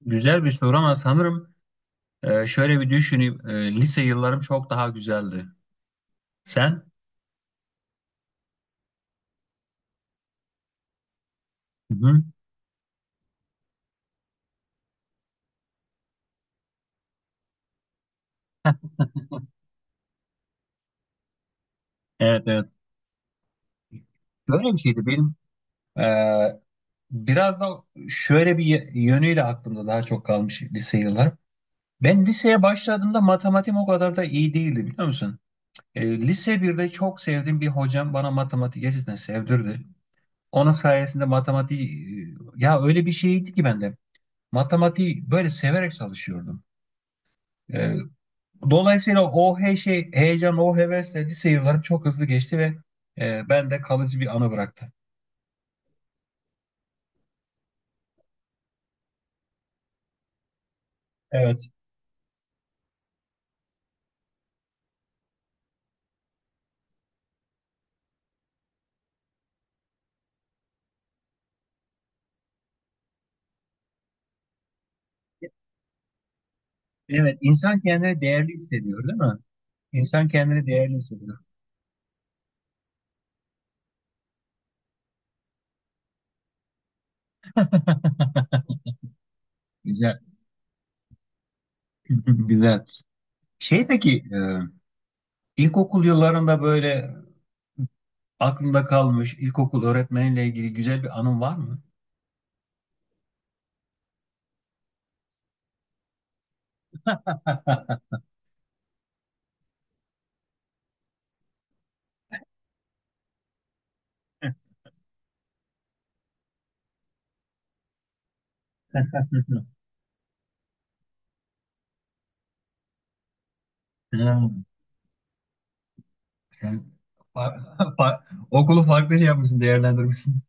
Güzel bir soru ama sanırım şöyle bir düşüneyim. Lise yıllarım çok daha güzeldi. Sen? Hı hı. Evet, evet. Böyle bir şeydi benim. e, Biraz da şöyle bir yönüyle aklımda daha çok kalmış lise yıllarım. Ben liseye başladığımda matematiğim o kadar da iyi değildi, biliyor musun? Lise birde çok sevdiğim bir hocam bana matematik gerçekten sevdirdi. Onun sayesinde matematiği ya öyle bir şeydi ki bende. Matematiği böyle severek çalışıyordum. E, Dolayısıyla o şey, heyecan, o hevesle lise yıllarım çok hızlı geçti ve bende kalıcı bir anı bıraktı. Evet. Evet, insan kendini değerli hissediyor, değil mi? İnsan kendini değerli hissediyor. Güzel, güzel. Şey peki, ilkokul yıllarında böyle aklında kalmış ilkokul öğretmeninle ilgili güzel bir anın var mı? Hmm, sen fa- fa- okulu farklı şey yapmışsın, değerlendirmişsin.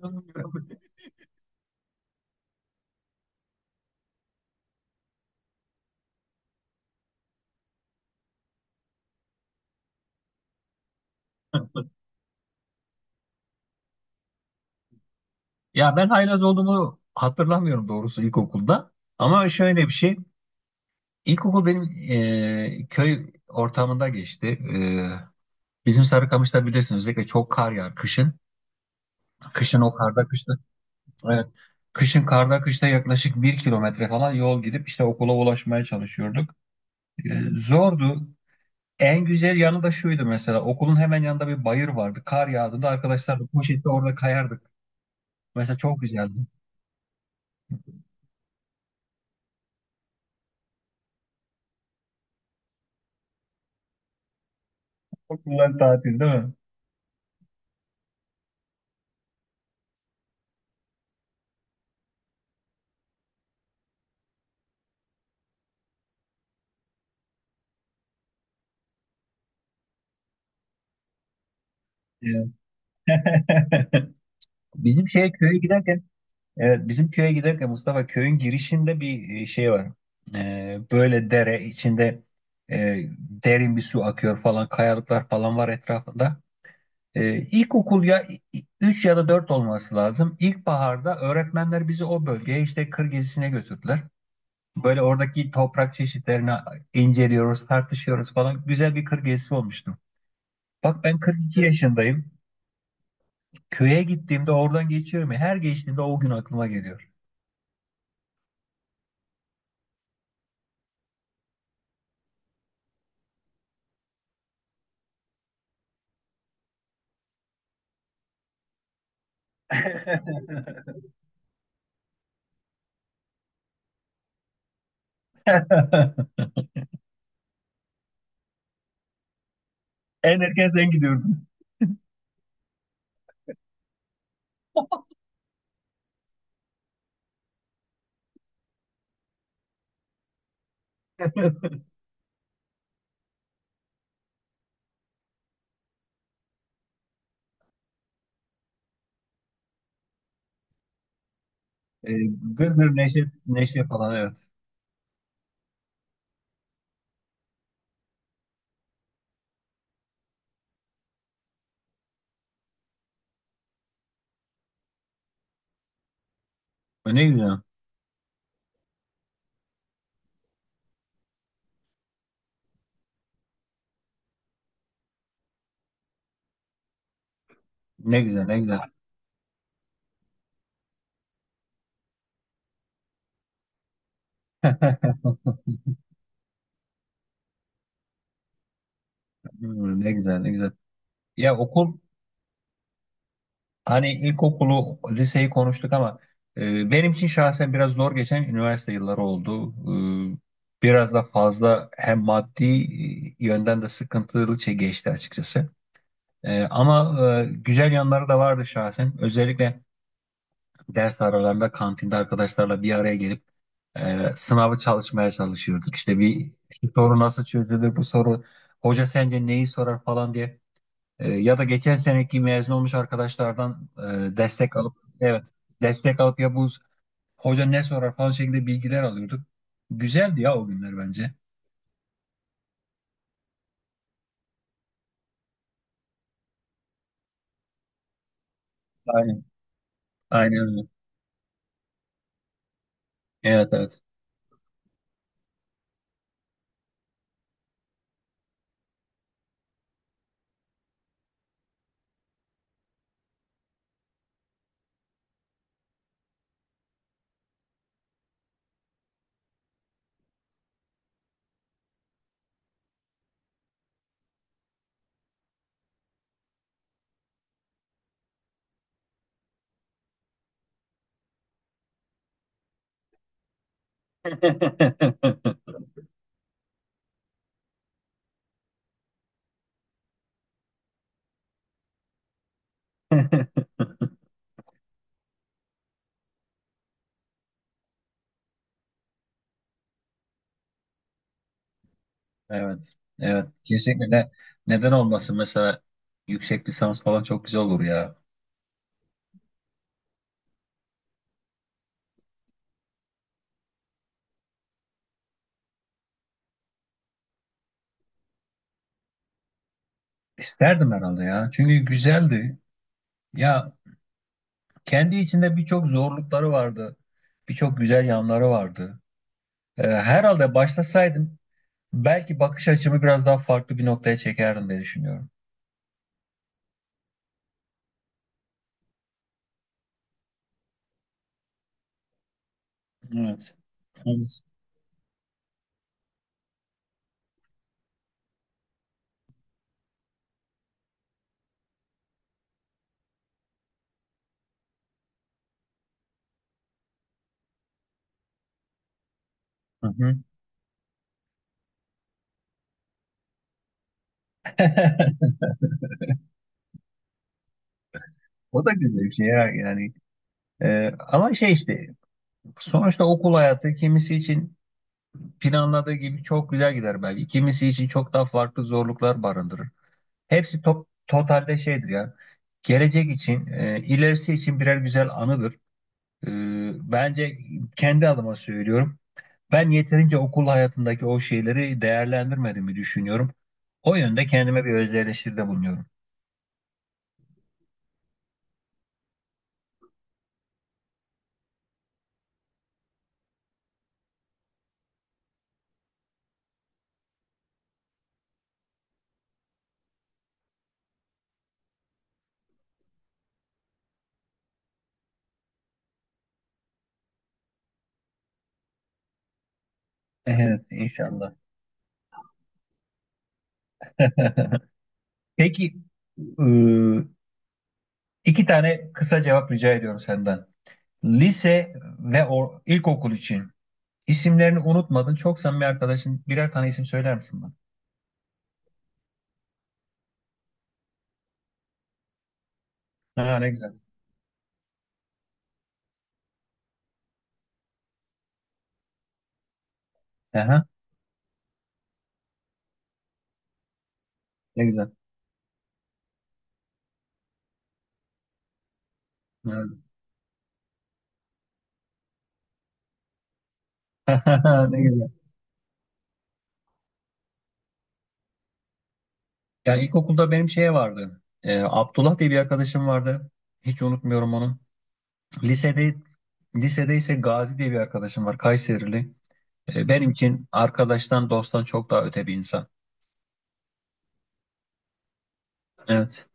Ya ben haylaz olduğumu hatırlamıyorum doğrusu ilkokulda. Ama şöyle bir şey. İlkokul benim köy ortamında geçti. Bizim Sarıkamış'ta bilirsin, özellikle çok kar yağar kışın. Kışın o karda kışta. Evet. Kışın karda kışta yaklaşık bir kilometre falan yol gidip işte okula ulaşmaya çalışıyorduk. Zordu. En güzel yanı da şuydu, mesela okulun hemen yanında bir bayır vardı. Kar yağdığında arkadaşlarla poşette orada kayardık. Mesela çok güzeldi. Okullar tatil değil mi? Evet. Bizim şeye köye giderken, evet, bizim köye giderken Mustafa köyün girişinde bir şey var. Böyle dere içinde derin bir su akıyor falan, kayalıklar falan var etrafında. İlkokul ya 3 ya da 4 olması lazım. İlkbaharda öğretmenler bizi o bölgeye işte kır gezisine götürdüler. Böyle oradaki toprak çeşitlerini inceliyoruz, tartışıyoruz falan. Güzel bir kır gezisi olmuştu. Bak ben 42 yaşındayım. Köye gittiğimde oradan geçiyorum ya. Her geçtiğimde o gün aklıma geliyor. En erken sen gidiyordun. E, gır neşe, neşe falan, evet. Ne güzel. Ne güzel, ne güzel. Ne güzel, ne güzel. Ya hani ilkokulu liseyi konuştuk ama benim için şahsen biraz zor geçen üniversite yılları oldu. Biraz da fazla hem maddi yönden de sıkıntılı şey geçti açıkçası. Ama güzel yanları da vardı şahsen. Özellikle ders aralarında kantinde arkadaşlarla bir araya gelip sınavı çalışmaya çalışıyorduk. İşte bir şu soru nasıl çözülür, bu soru hoca sence neyi sorar falan diye. Ya da geçen seneki mezun olmuş arkadaşlardan destek alıp, evet, destek alıp ya bu hoca ne sorar falan şeklinde bilgiler alıyorduk. Güzeldi ya o günler bence. Aynen. Aynen öyle. Evet, evet. Evet. Evet. Kesinlikle. Neden olmasın, mesela yüksek lisans falan çok güzel olur ya. İsterdim herhalde ya. Çünkü güzeldi. Ya kendi içinde birçok zorlukları vardı. Birçok güzel yanları vardı. Herhalde başlasaydım belki bakış açımı biraz daha farklı bir noktaya çekerdim diye düşünüyorum. Evet. Evet. Hı hı. O da güzel bir şey ya yani. Ama şey işte sonuçta okul hayatı kimisi için planladığı gibi çok güzel gider belki. Kimisi için çok daha farklı zorluklar barındırır. Hepsi totalde şeydir ya. Gelecek için, ilerisi için birer güzel anıdır. E, bence kendi adıma söylüyorum. Ben yeterince okul hayatındaki o şeyleri değerlendirmediğimi düşünüyorum. O yönde kendime bir öz eleştiride bulunuyorum. Evet, inşallah. Peki, e, iki tane kısa cevap rica ediyorum senden. Lise ve ilkokul için isimlerini unutmadın. Çok samimi arkadaşın birer tane isim söyler misin bana? Ha, ne güzel. Aha, ne güzel. Evet. Ne güzel. Yani ilkokulda benim şeye vardı. Abdullah diye bir arkadaşım vardı. Hiç unutmuyorum onu. Lisede ise Gazi diye bir arkadaşım var. Kayserili. Benim için arkadaştan dosttan çok daha öte bir insan. Evet.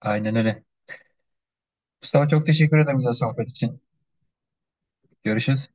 Aynen öyle. Mustafa, çok teşekkür ederim güzel sohbet için. Görüşürüz.